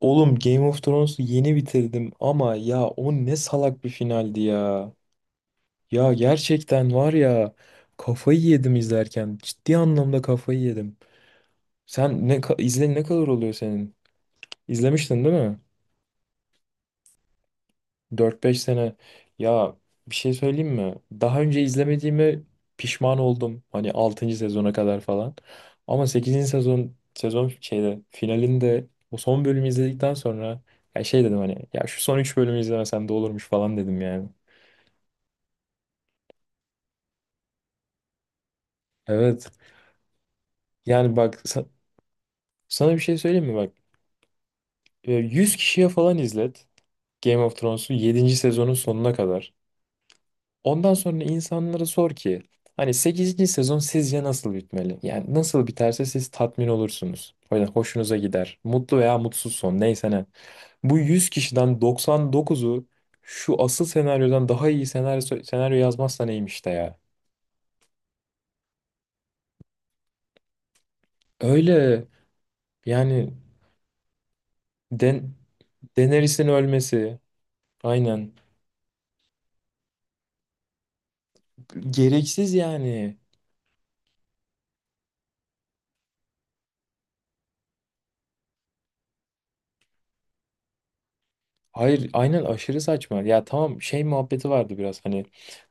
Oğlum Game of Thrones'u yeni bitirdim ama ya o ne salak bir finaldi ya. Ya gerçekten var ya kafayı yedim izlerken. Ciddi anlamda kafayı yedim. Sen ne kadar oluyor senin? İzlemiştin değil mi? Dört beş sene ya, bir şey söyleyeyim mi? Daha önce izlemediğime pişman oldum. Hani altıncı sezona kadar falan. Ama sekizinci sezon finalinde o son bölümü izledikten sonra ya şey dedim hani ya şu son 3 bölümü izlemesem de olurmuş falan dedim yani. Evet. Yani bak sa- Sana bir şey söyleyeyim mi bak? 100 kişiye falan izlet Game of Thrones'u yedinci sezonun sonuna kadar. Ondan sonra insanlara sor ki hani sekizinci sezon sizce nasıl bitmeli? Yani nasıl biterse siz tatmin olursunuz. O yüzden hoşunuza gider. Mutlu veya mutsuz son, neyse ne. Bu 100 kişiden doksan dokuzu şu asıl senaryodan daha iyi senaryo yazmazsa neymiş de ya. Öyle yani. Den Daenerys'in ölmesi, aynen, gereksiz yani. Hayır aynen, aşırı saçma. Ya tamam, şey muhabbeti vardı biraz hani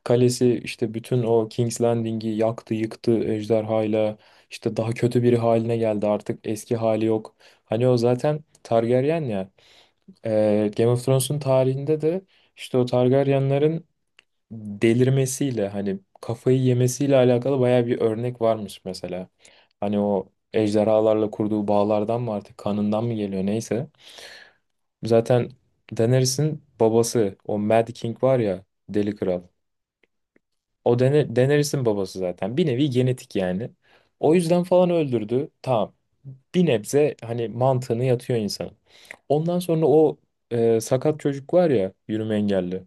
kalesi işte bütün o King's Landing'i yaktı yıktı ejderhayla, işte daha kötü biri haline geldi artık, eski hali yok. Hani o zaten Targaryen ya. Game of Thrones'un tarihinde de işte o Targaryenların delirmesiyle hani kafayı yemesiyle alakalı baya bir örnek varmış mesela. Hani o ejderhalarla kurduğu bağlardan mı artık kanından mı geliyor neyse. Zaten Daenerys'in babası o Mad King var ya, Deli Kral. Daenerys'in babası zaten. Bir nevi genetik yani. O yüzden falan öldürdü. Tamam. Bir nebze hani mantığını yatıyor insanın. Ondan sonra o sakat çocuk var ya, yürüme engelli.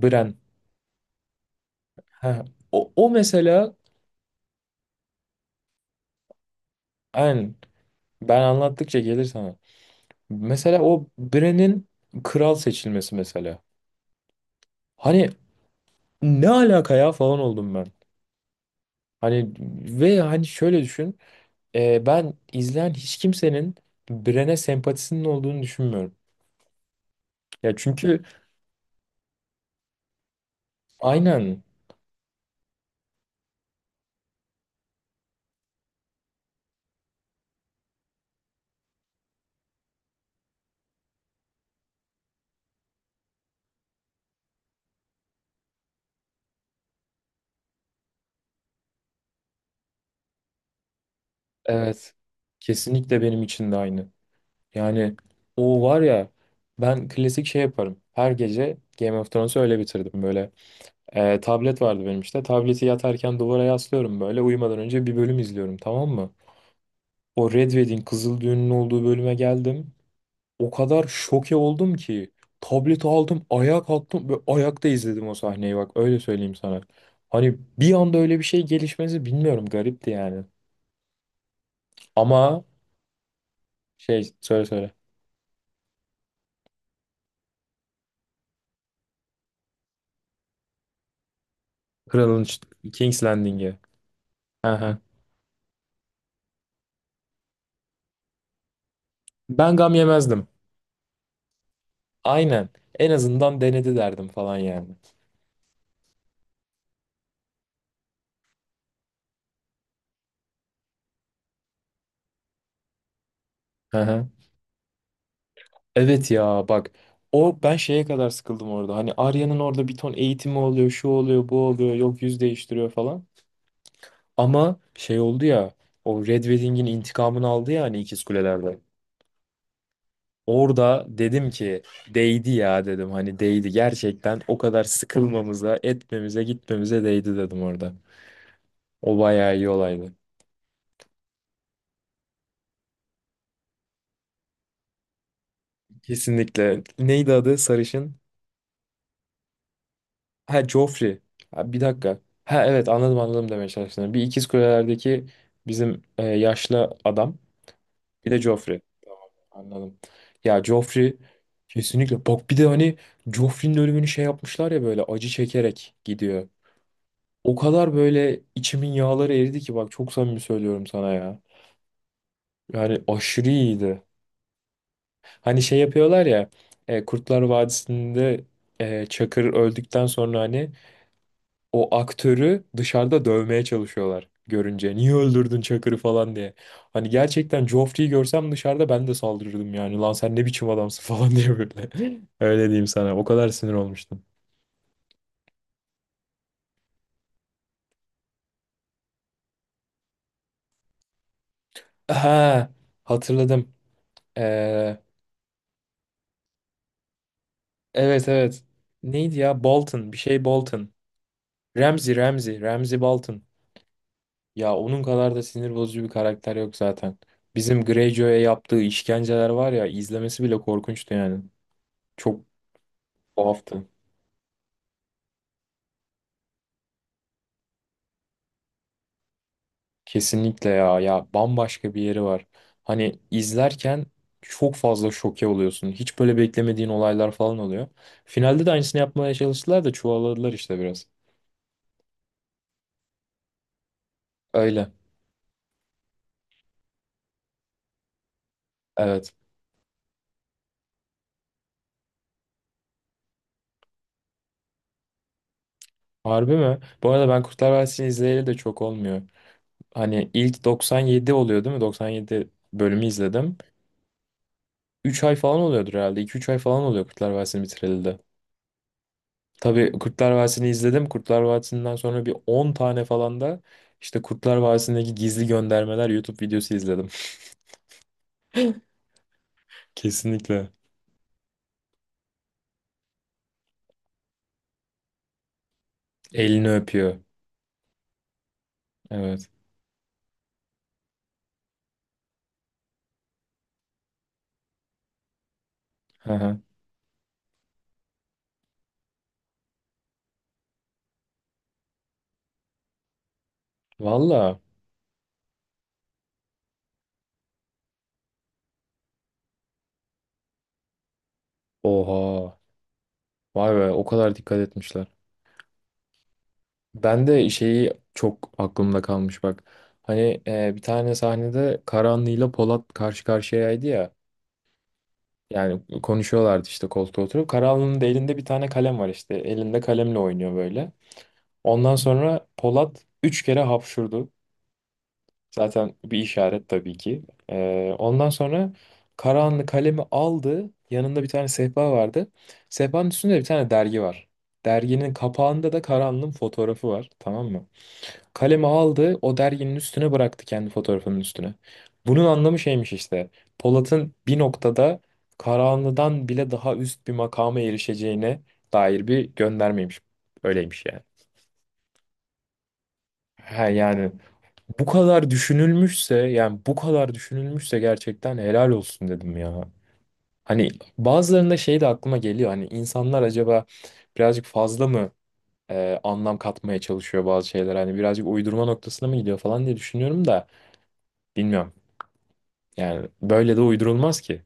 Bren. Heh. O mesela, aynen, ben anlattıkça gelir sana. Mesela o Bren'in kral seçilmesi mesela. Hani ne alaka ya falan oldum ben. Hani ve hani Şöyle düşün. Ben izleyen hiç kimsenin Bren'e sempatisinin olduğunu düşünmüyorum. Ya çünkü aynen, evet kesinlikle benim için de aynı. Yani o var ya, ben klasik şey yaparım. Her gece Game of Thrones'u öyle bitirdim böyle. Tablet vardı benim işte. Tableti yatarken duvara yaslıyorum böyle. Uyumadan önce bir bölüm izliyorum tamam mı? O Red Wedding, Kızıl Düğün'ün olduğu bölüme geldim. O kadar şoke oldum ki tableti aldım, ayağa kalktım ve ayakta izledim o sahneyi, bak öyle söyleyeyim sana. Hani bir anda öyle bir şey gelişmesi, bilmiyorum, garipti yani. Ama söyle. King's Landing'i. Hı hı. Ben gam yemezdim. Aynen. En azından denedi derdim falan yani. Hı hı. Evet ya bak, o ben şeye kadar sıkıldım orada. Hani Arya'nın orada bir ton eğitimi oluyor, şu oluyor, bu oluyor, yok yüz değiştiriyor falan. Ama şey oldu ya, o Red Wedding'in intikamını aldı ya hani, İkiz Kuleler'de. Orada dedim ki değdi ya, dedim hani değdi gerçekten, o kadar sıkılmamıza etmemize gitmemize değdi dedim orada. O bayağı iyi olaydı. Kesinlikle. Neydi adı sarışın? Ha, Joffrey. Ha, bir dakika. Ha evet, anladım anladım demeye çalıştım. Bir İkiz Kuleler'deki bizim yaşlı adam. Bir de Joffrey. Tamam, anladım. Ya Joffrey, kesinlikle. Bak bir de hani Joffrey'nin ölümünü şey yapmışlar ya, böyle acı çekerek gidiyor. O kadar böyle içimin yağları eridi ki bak, çok samimi söylüyorum sana ya. Yani aşırı iyiydi. Hani şey yapıyorlar ya Kurtlar Vadisi'nde, Çakır öldükten sonra hani o aktörü dışarıda dövmeye çalışıyorlar görünce. Niye öldürdün Çakır'ı falan diye. Hani gerçekten Joffrey'i görsem dışarıda ben de saldırırdım yani. Lan sen ne biçim adamsın falan diye böyle. Öyle diyeyim sana. O kadar sinir olmuştum. Ha, hatırladım. Ee, evet evet. Neydi ya? Bolton. Bir şey Bolton. Ramsey. Ramsey Bolton. Ya onun kadar da sinir bozucu bir karakter yok zaten. Bizim Greyjoy'a yaptığı işkenceler var ya, izlemesi bile korkunçtu yani. Çok tuhaftı. Kesinlikle ya, ya bambaşka bir yeri var. Hani izlerken çok fazla şoke oluyorsun. Hiç böyle beklemediğin olaylar falan oluyor. Finalde de aynısını yapmaya çalıştılar da çuvalladılar işte biraz. Öyle. Evet. Harbi mi? Bu arada ben Kurtlar Vadisi'ni izleyeli de çok olmuyor. Hani ilk 97 oluyor değil mi? 97 bölümü izledim. Üç ay falan oluyordur herhalde. İki üç ay falan oluyor Kurtlar Vadisi'ni bitireli de. Tabii Kurtlar Vadisi'ni izledim. Kurtlar Vadisi'nden sonra bir 10 tane falan da işte Kurtlar Vadisi'ndeki gizli göndermeler YouTube videosu izledim. Kesinlikle. Elini öpüyor. Evet. Hı hı. Valla. Oha. Vay be, o kadar dikkat etmişler. Ben de şeyi çok aklımda kalmış bak. Hani bir tane sahnede Karahanlı'yla Polat karşı karşıyaydı ya. Yani konuşuyorlardı işte koltuğa oturup. Karahanlı'nın da elinde bir tane kalem var işte. Elinde kalemle oynuyor böyle. Ondan sonra Polat 3 kere hapşurdu. Zaten bir işaret tabii ki. Ondan sonra Karahanlı kalemi aldı. Yanında bir tane sehpa vardı. Sehpanın üstünde bir tane dergi var. Derginin kapağında da Karahanlı'nın fotoğrafı var. Tamam mı? Kalemi aldı. O derginin üstüne bıraktı, kendi fotoğrafının üstüne. Bunun anlamı şeymiş işte. Polat'ın bir noktada Karahanlı'dan bile daha üst bir makama erişeceğine dair bir göndermeymiş. Öyleymiş yani. Ha yani. Bu kadar düşünülmüşse gerçekten helal olsun dedim ya. Hani bazılarında şey de aklıma geliyor, hani insanlar acaba birazcık fazla mı anlam katmaya çalışıyor bazı şeyler, hani birazcık uydurma noktasına mı gidiyor falan diye düşünüyorum da, bilmiyorum. Yani böyle de uydurulmaz ki,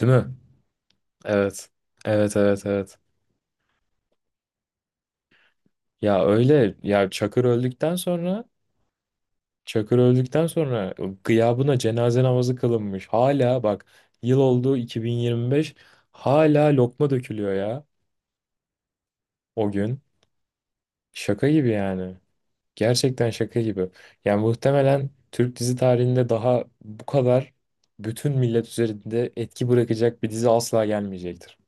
değil mi? Evet. Evet evet evet. Ya öyle ya, Çakır öldükten sonra gıyabına cenaze namazı kılınmış. Hala bak, yıl oldu 2025, hala lokma dökülüyor ya o gün. Şaka gibi yani. Gerçekten şaka gibi. Yani muhtemelen Türk dizi tarihinde daha bu kadar bütün millet üzerinde etki bırakacak bir dizi asla gelmeyecektir.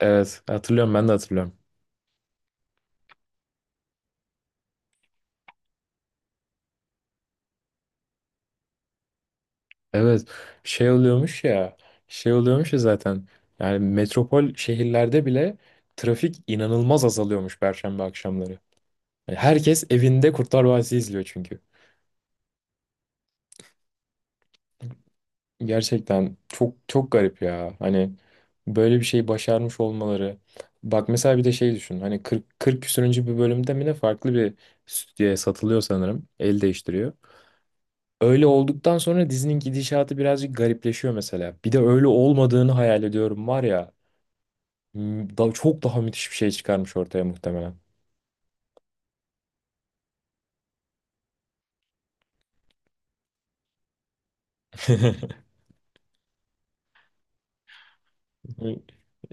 Evet hatırlıyorum, ben de hatırlıyorum. Evet şey oluyormuş ya şey oluyormuş ya zaten, yani metropol şehirlerde bile trafik inanılmaz azalıyormuş Perşembe akşamları. Yani herkes evinde Kurtlar Vadisi izliyor çünkü. Gerçekten çok çok garip ya hani, böyle bir şey başarmış olmaları. Bak mesela bir de şey düşün, hani 40 küsürüncü bir bölümde mi ne, farklı bir stüdyoya satılıyor, sanırım el değiştiriyor. Öyle olduktan sonra dizinin gidişatı birazcık garipleşiyor mesela. Bir de öyle olmadığını hayal ediyorum var ya. Çok daha müthiş bir şey çıkarmış ortaya muhtemelen.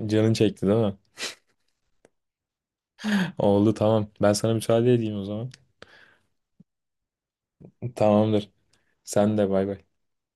Canın çekti değil mi? Oldu tamam. Ben sana müsaade edeyim o zaman. Tamamdır. Sen de bay bay.